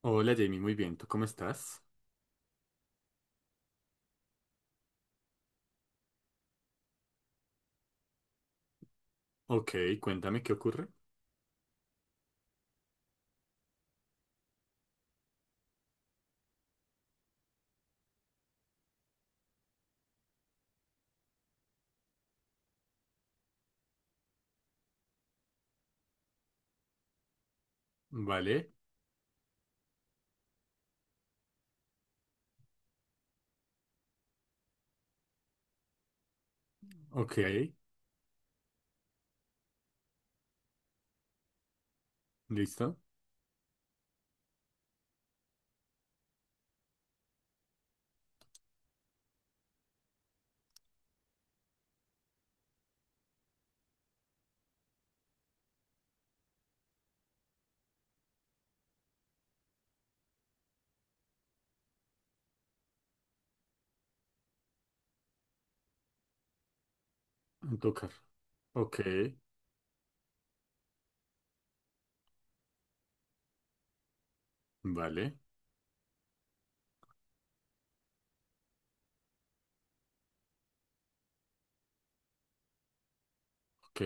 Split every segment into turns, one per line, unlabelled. Hola Jamie, muy bien, ¿tú cómo estás? Ok, cuéntame qué ocurre. Vale, ok, listo, a tocar. Ok, vale, ok,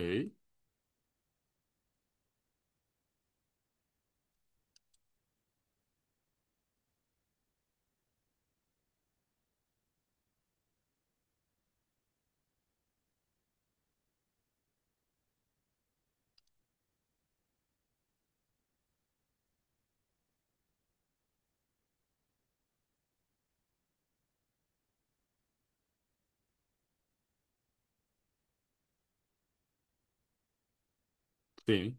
sí,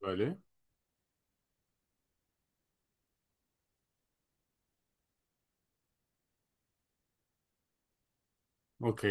vale, ok,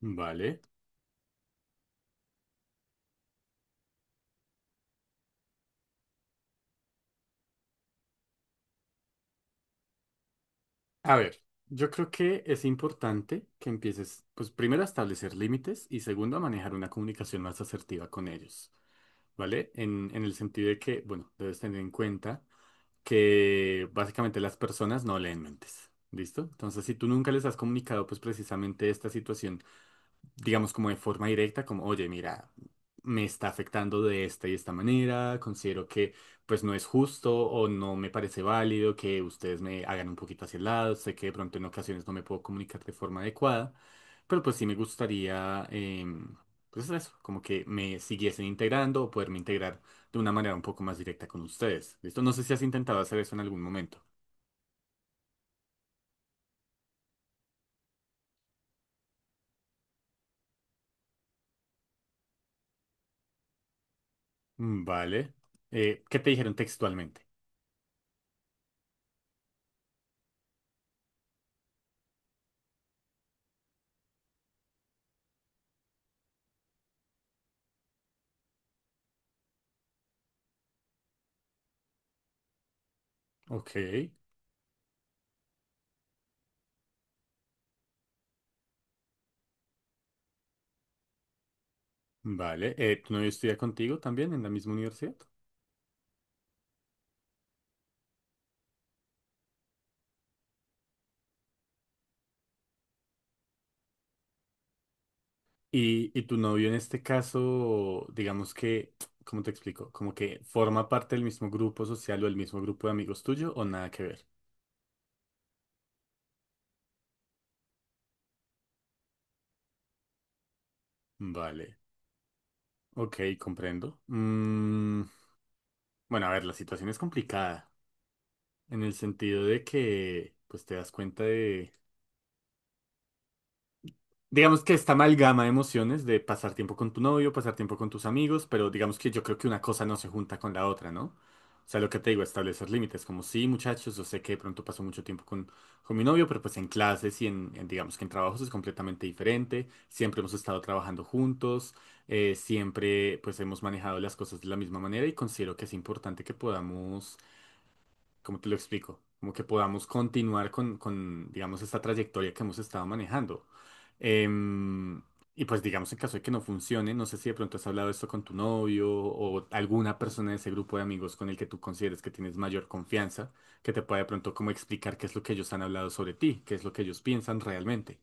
vale. A ver, yo creo que es importante que empieces, pues primero a establecer límites y segundo a manejar una comunicación más asertiva con ellos, ¿vale? En el sentido de que, bueno, debes tener en cuenta que básicamente las personas no leen mentes. ¿Listo? Entonces, si tú nunca les has comunicado, pues precisamente esta situación digamos, como de forma directa, como, oye, mira, me está afectando de esta y esta manera, considero que pues no es justo o no me parece válido que ustedes me hagan un poquito hacia el lado, sé que de pronto en ocasiones no me puedo comunicar de forma adecuada, pero pues sí me gustaría, pues eso, como que me siguiesen integrando o poderme integrar de una manera un poco más directa con ustedes. ¿Listo? No sé si has intentado hacer eso en algún momento. Vale. ¿Qué te dijeron textualmente? Ok. Vale, ¿tu novio estudia contigo también en la misma universidad? Y tu novio en este caso, digamos que, ¿cómo te explico? Como que forma parte del mismo grupo social o del mismo grupo de amigos tuyo o nada que ver. Vale, ok, comprendo. Bueno, a ver, la situación es complicada en el sentido de que, pues te das cuenta. Digamos que esta amalgama de emociones de pasar tiempo con tu novio, pasar tiempo con tus amigos, pero digamos que yo creo que una cosa no se junta con la otra, ¿no? O sea, lo que te digo, establecer límites, como sí, muchachos, yo sé que de pronto paso mucho tiempo con mi novio, pero pues en clases y en digamos que en trabajos es completamente diferente, siempre hemos estado trabajando juntos, siempre pues hemos manejado las cosas de la misma manera y considero que es importante que podamos. ¿Cómo te lo explico? Como que podamos continuar con, digamos, esta trayectoria que hemos estado manejando. Em, y pues, digamos, en caso de que no funcione, no sé si de pronto has hablado esto con tu novio o alguna persona de ese grupo de amigos con el que tú consideres que tienes mayor confianza, que te pueda de pronto como explicar qué es lo que ellos han hablado sobre ti, qué es lo que ellos piensan realmente.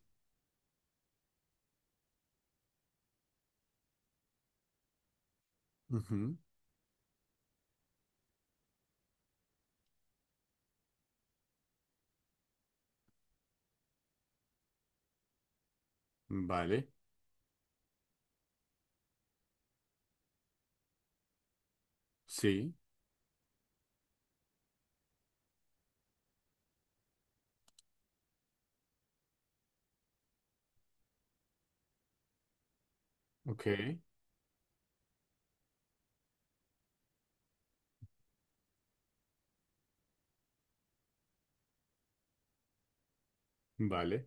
Ujú, vale, sí, ok, vale,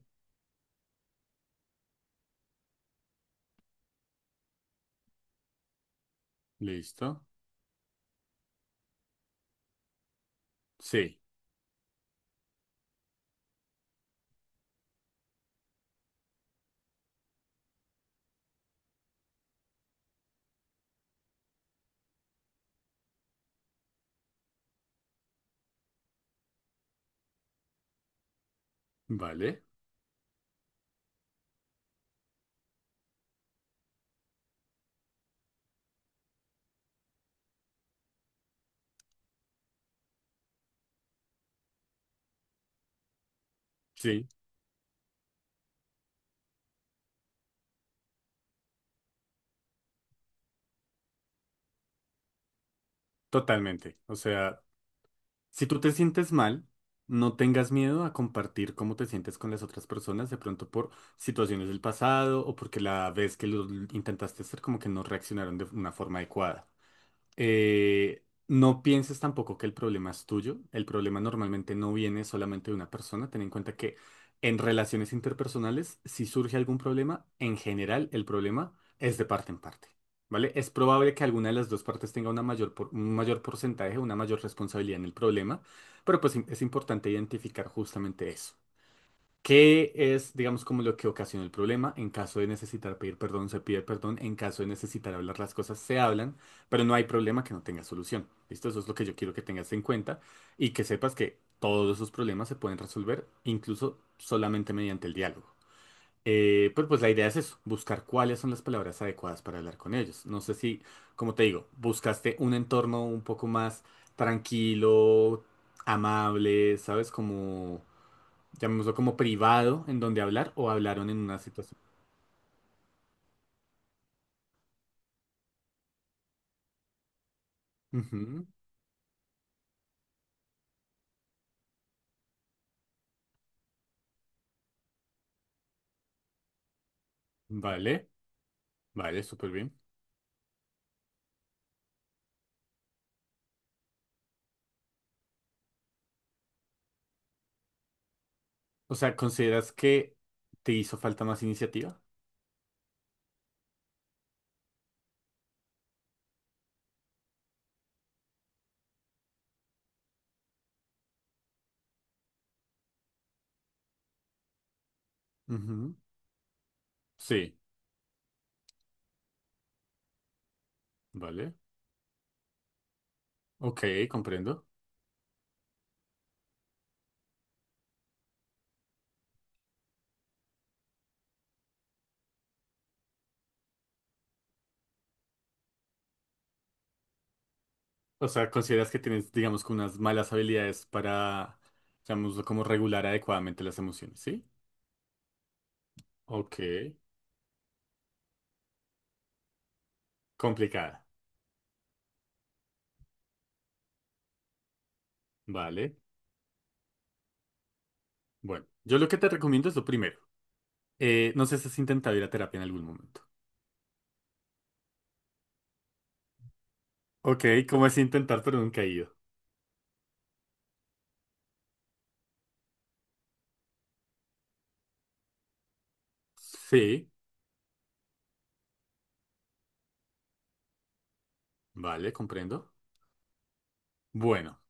listo, sí, vale, sí, totalmente. O sea, si tú te sientes mal, no tengas miedo a compartir cómo te sientes con las otras personas, de pronto por situaciones del pasado o porque la vez que lo intentaste hacer como que no reaccionaron de una forma adecuada. No pienses tampoco que el problema es tuyo. El problema normalmente no viene solamente de una persona. Ten en cuenta que en relaciones interpersonales, si surge algún problema, en general el problema es de parte en parte. ¿Vale? Es probable que alguna de las dos partes tenga una mayor un mayor porcentaje, una mayor responsabilidad en el problema, pero pues es importante identificar justamente eso. ¿Qué es, digamos, como lo que ocasiona el problema? En caso de necesitar pedir perdón, se pide perdón. En caso de necesitar hablar las cosas, se hablan, pero no hay problema que no tenga solución. ¿Listo? Eso es lo que yo quiero que tengas en cuenta y que sepas que todos esos problemas se pueden resolver incluso solamente mediante el diálogo. Pero pues la idea es eso, buscar cuáles son las palabras adecuadas para hablar con ellos. No sé si, como te digo, buscaste un entorno un poco más tranquilo, amable, ¿sabes? Como llamémoslo como privado, en donde hablar o hablaron en una situación. Ujú, vale, vale, súper bien. O sea, ¿consideras que te hizo falta más iniciativa? Ujú, sí, vale. Ok, comprendo. O sea, ¿consideras que tienes, digamos, que unas malas habilidades para, llamémoslo como regular adecuadamente las emociones, ¿sí? Ok, complicada. Vale. Bueno, yo lo que te recomiendo es lo primero. No sé si has intentado ir a terapia en algún momento. Ok, ¿cómo es intentar pero nunca he ido? Sí. Vale, comprendo. Bueno,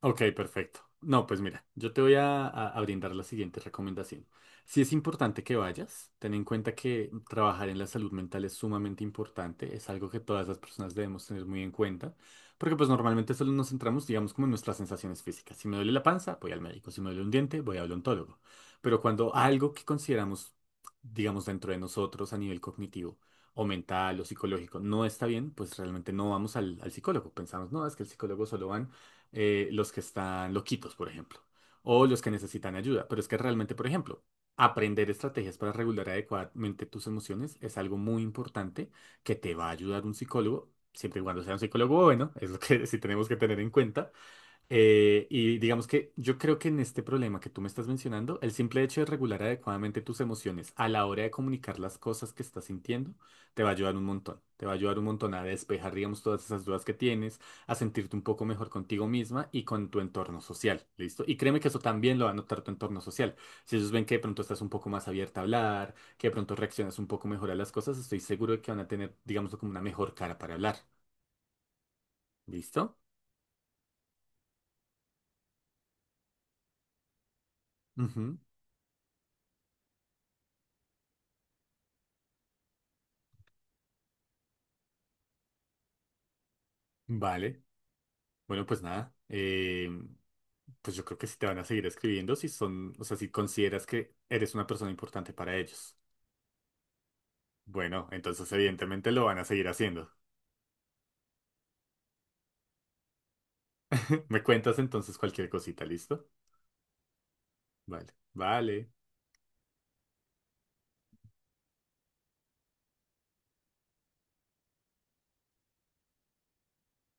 ok, perfecto. No, pues mira, yo te voy a, a brindar la siguiente recomendación. Si es importante que vayas, ten en cuenta que trabajar en la salud mental es sumamente importante, es algo que todas las personas debemos tener muy en cuenta, porque pues normalmente solo nos centramos, digamos, como en nuestras sensaciones físicas. Si me duele la panza, voy al médico, si me duele un diente, voy al odontólogo. Pero cuando algo que consideramos, digamos, dentro de nosotros a nivel cognitivo, o mental o psicológico no está bien, pues realmente no vamos al psicólogo. Pensamos, no, es que el psicólogo solo van los que están loquitos, por ejemplo, o los que necesitan ayuda. Pero es que realmente, por ejemplo, aprender estrategias para regular adecuadamente tus emociones es algo muy importante que te va a ayudar un psicólogo, siempre y cuando sea un psicólogo bueno, es lo que sí tenemos que tener en cuenta, y digamos que yo creo que en este problema que tú me estás mencionando, el simple hecho de regular adecuadamente tus emociones a la hora de comunicar las cosas que estás sintiendo, te va a ayudar un montón. Te va a ayudar un montón a despejar, digamos, todas esas dudas que tienes, a sentirte un poco mejor contigo misma y con tu entorno social, ¿listo? Y créeme que eso también lo va a notar tu entorno social. Si ellos ven que de pronto estás un poco más abierta a hablar, que de pronto reaccionas un poco mejor a las cosas, estoy seguro de que van a tener, digamos, como una mejor cara para hablar, ¿listo? Ujú, vale. Bueno, pues nada, pues yo creo que si te van a seguir escribiendo, si son, o sea, si consideras que eres una persona importante para ellos. Bueno, entonces evidentemente lo van a seguir haciendo. Me cuentas entonces cualquier cosita, ¿listo? Vale, vale.